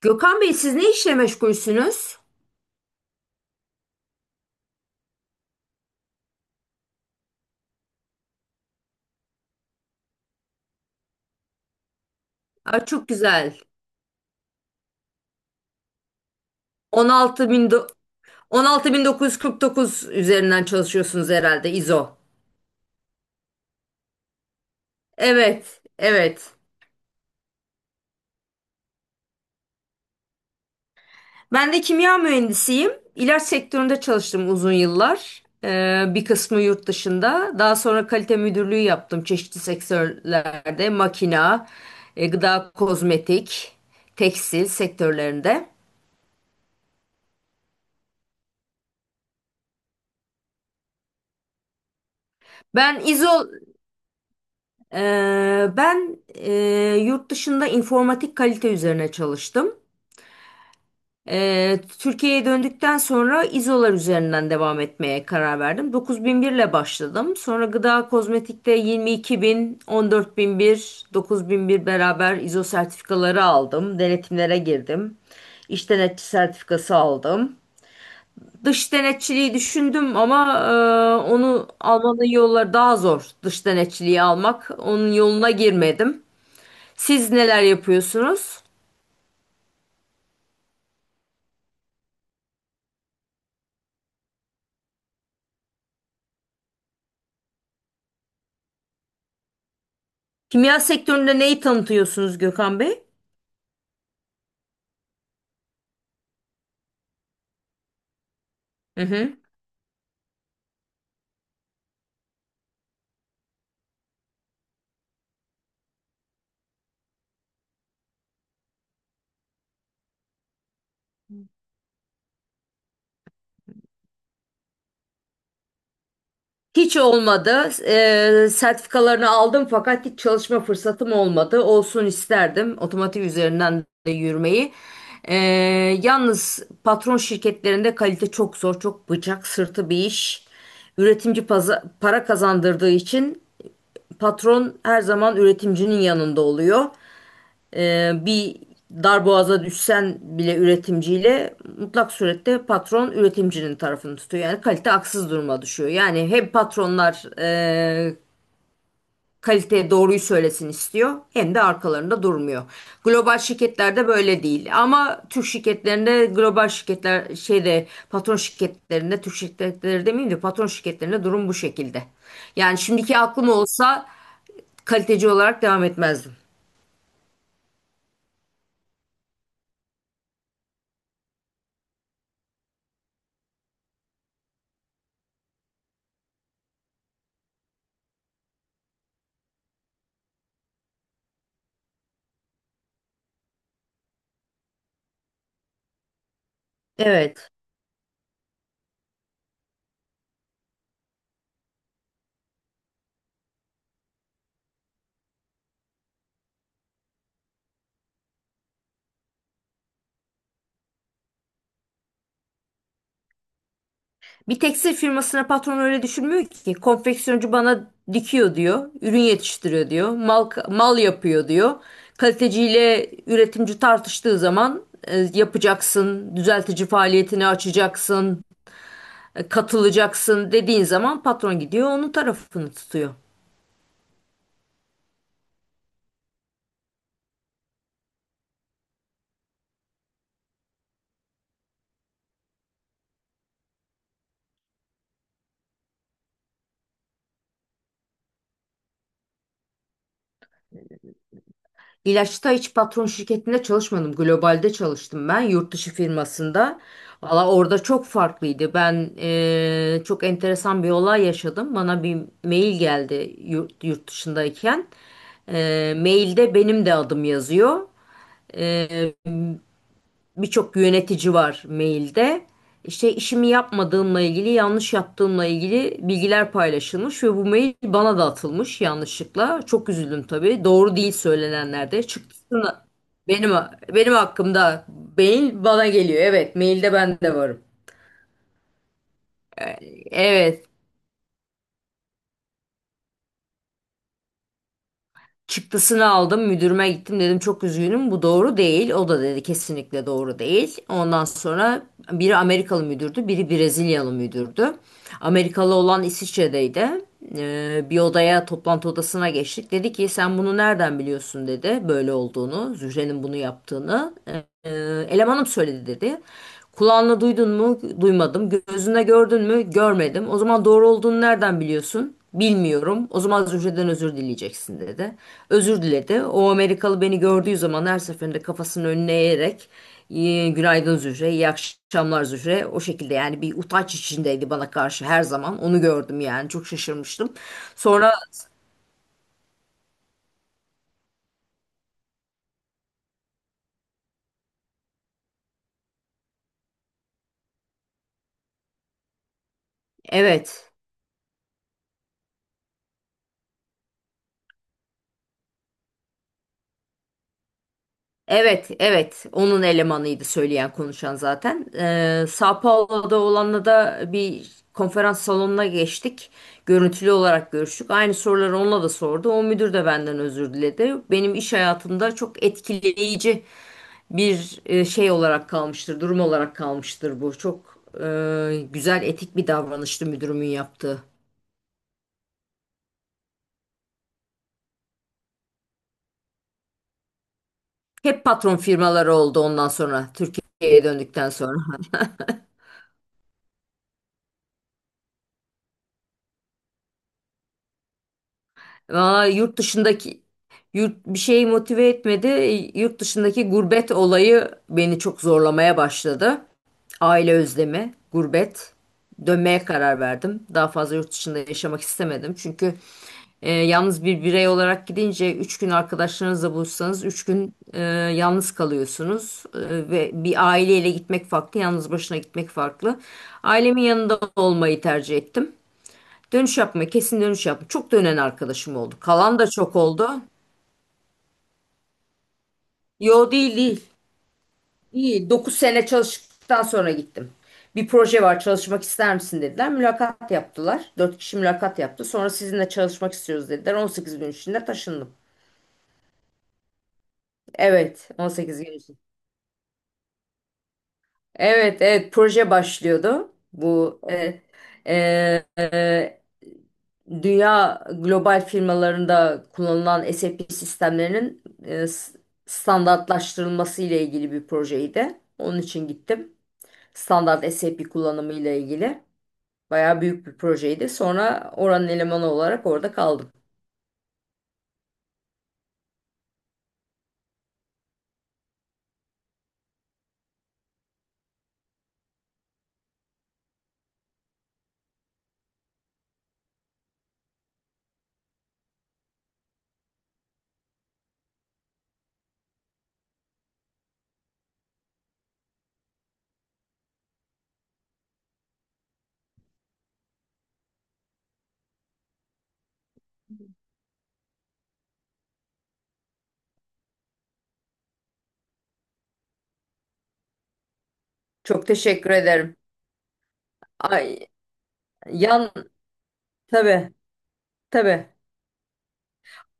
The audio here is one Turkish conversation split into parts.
Gökhan Bey siz ne işle meşgulsünüz? Aa, çok güzel. 16 bin do- 16.949 üzerinden çalışıyorsunuz herhalde İZO. Evet, evet. Ben de kimya mühendisiyim. İlaç sektöründe çalıştım uzun yıllar. Bir kısmı yurt dışında. Daha sonra kalite müdürlüğü yaptım çeşitli sektörlerde. Makina, gıda, kozmetik, tekstil sektörlerinde. Ben İZO ben e, Yurt dışında informatik kalite üzerine çalıştım. Türkiye'ye döndükten sonra İzolar üzerinden devam etmeye karar verdim. 9001 ile başladım. Sonra gıda kozmetikte 22.000, 14.001, 19001 beraber İzo sertifikaları aldım. Denetimlere girdim. İş denetçi sertifikası aldım. Dış denetçiliği düşündüm ama onu almanın yolları daha zor. Dış denetçiliği almak. Onun yoluna girmedim. Siz neler yapıyorsunuz? Kimya sektöründe neyi tanıtıyorsunuz Gökhan Bey? Hı hı. Hiç olmadı. Sertifikalarını aldım fakat hiç çalışma fırsatım olmadı. Olsun isterdim otomotiv üzerinden de yürümeyi. Ee, Yalnız patron şirketlerinde kalite çok zor, çok bıçak sırtı bir iş. Para kazandırdığı için patron her zaman üretimcinin yanında oluyor. Bir darboğaza düşsen bile üretimciyle mutlak surette patron üretimcinin tarafını tutuyor. Yani kalite haksız duruma düşüyor. Yani hem patronlar kalite doğruyu söylesin istiyor hem de arkalarında durmuyor. Global şirketlerde böyle değil. Ama Türk şirketlerinde global şirketler şeyde patron şirketlerinde Türk şirketleri demeyeyim de patron şirketlerinde durum bu şekilde. Yani şimdiki aklım olsa kaliteci olarak devam etmezdim. Evet. Bir tekstil firmasına patron öyle düşünmüyor ki. Konfeksiyoncu bana dikiyor diyor. Ürün yetiştiriyor diyor. Mal, mal yapıyor diyor. Kaliteciyle üretimci tartıştığı zaman yapacaksın, düzeltici faaliyetini açacaksın, katılacaksın dediğin zaman patron gidiyor onun tarafını tutuyor. İlaçta hiç patron şirketinde çalışmadım. Globalde çalıştım ben yurt dışı firmasında. Valla orada çok farklıydı. Ben çok enteresan bir olay yaşadım. Bana bir mail geldi yurt dışındayken. Mailde benim de adım yazıyor birçok yönetici var mailde. İşte işimi yapmadığımla ilgili, yanlış yaptığımla ilgili bilgiler paylaşılmış ve bu mail bana da atılmış yanlışlıkla. Çok üzüldüm tabii. Doğru değil söylenenler de. Çıktısını benim benim hakkımda mail bana geliyor. Evet, mailde ben de varım. Evet. Çıktısını aldım müdürüme gittim dedim çok üzgünüm bu doğru değil. O da dedi kesinlikle doğru değil. Ondan sonra biri Amerikalı müdürdü biri Brezilyalı müdürdü. Amerikalı olan İsviçre'deydi. Bir odaya toplantı odasına geçtik. Dedi ki sen bunu nereden biliyorsun dedi böyle olduğunu Zühre'nin bunu yaptığını. Ee, Elemanım söyledi dedi. Kulağınla duydun mu? Duymadım. Gözüne gördün mü? Görmedim. O zaman doğru olduğunu nereden biliyorsun? Bilmiyorum. O zaman Zühre'den özür dileyeceksin dedi. Özür diledi. O Amerikalı beni gördüğü zaman her seferinde kafasını önüne eğerek "İyi- günaydın Zühre, iyi akşamlar Zühre." O şekilde yani bir utanç içindeydi bana karşı her zaman. Onu gördüm yani çok şaşırmıştım. Sonra evet Evet, evet. Onun elemanıydı söyleyen konuşan zaten. Sao Paulo'da olanla da bir konferans salonuna geçtik. Görüntülü olarak görüştük. Aynı soruları onunla da sordu. O müdür de benden özür diledi. Benim iş hayatımda çok etkileyici bir şey olarak kalmıştır, durum olarak kalmıştır bu. Çok güzel etik bir davranıştı müdürümün yaptığı. Hep patron firmaları oldu ondan sonra Türkiye'ye döndükten sonra. Aa, yurt dışındaki yurt bir şey motive etmedi. Yurt dışındaki gurbet olayı beni çok zorlamaya başladı. Aile özlemi, gurbet. Dönmeye karar verdim. Daha fazla yurt dışında yaşamak istemedim. Çünkü yalnız bir birey olarak gidince 3 gün arkadaşlarınızla buluşsanız 3 gün yalnız kalıyorsunuz. Ve bir aileyle gitmek farklı, yalnız başına gitmek farklı. Ailemin yanında olmayı tercih ettim. Dönüş yapma, kesin dönüş yapma. Çok dönen arkadaşım oldu. Kalan da çok oldu. Yo değil değil. İyi. 9 sene çalıştıktan sonra gittim. Bir proje var çalışmak ister misin dediler. Mülakat yaptılar. 4 kişi mülakat yaptı. Sonra sizinle çalışmak istiyoruz dediler. 18 gün içinde taşındım. Evet 18 gün içinde. Evet evet proje başlıyordu. Bu e, e, dünya global firmalarında kullanılan SAP sistemlerinin standartlaştırılması ile ilgili bir projeydi. Onun için gittim. Standart SAP kullanımı ile ilgili. Bayağı büyük bir projeydi. Sonra oranın elemanı olarak orada kaldım. Çok teşekkür ederim. Ay, yan tabii tabii.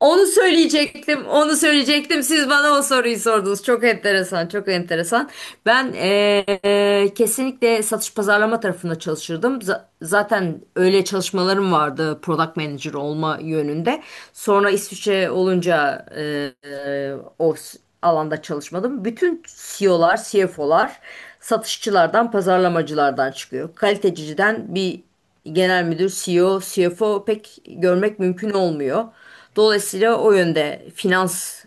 Onu söyleyecektim, onu söyleyecektim. Siz bana o soruyu sordunuz. Çok enteresan, çok enteresan. Ben kesinlikle satış pazarlama tarafında çalışırdım. Zaten öyle çalışmalarım vardı product manager olma yönünde. Sonra İsviçre olunca o alanda çalışmadım. Bütün CEO'lar, CFO'lar satışçılardan, pazarlamacılardan çıkıyor. Kaliteciden bir genel müdür, CEO, CFO pek görmek mümkün olmuyor. Dolayısıyla o yönde finans,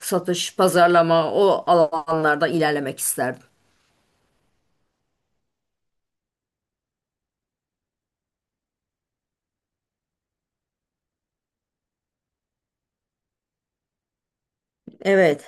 satış, pazarlama o alanlarda ilerlemek isterdim. Evet.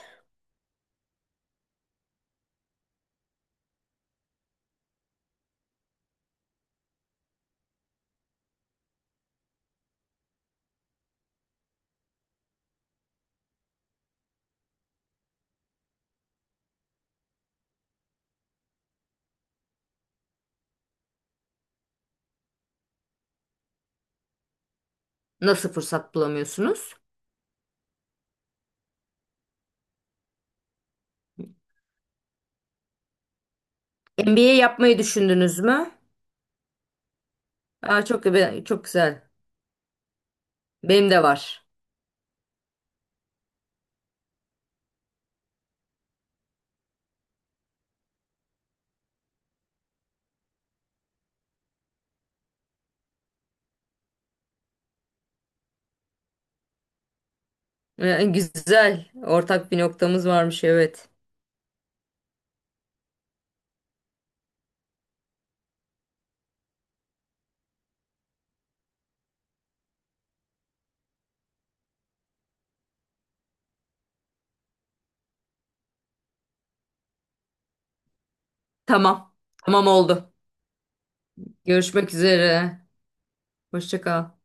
Nasıl fırsat bulamıyorsunuz? MBA yapmayı düşündünüz mü? Aa, çok çok güzel. Benim de var. Güzel. Ortak bir noktamız varmış evet. Tamam. Tamam oldu. Görüşmek üzere. Hoşça kal.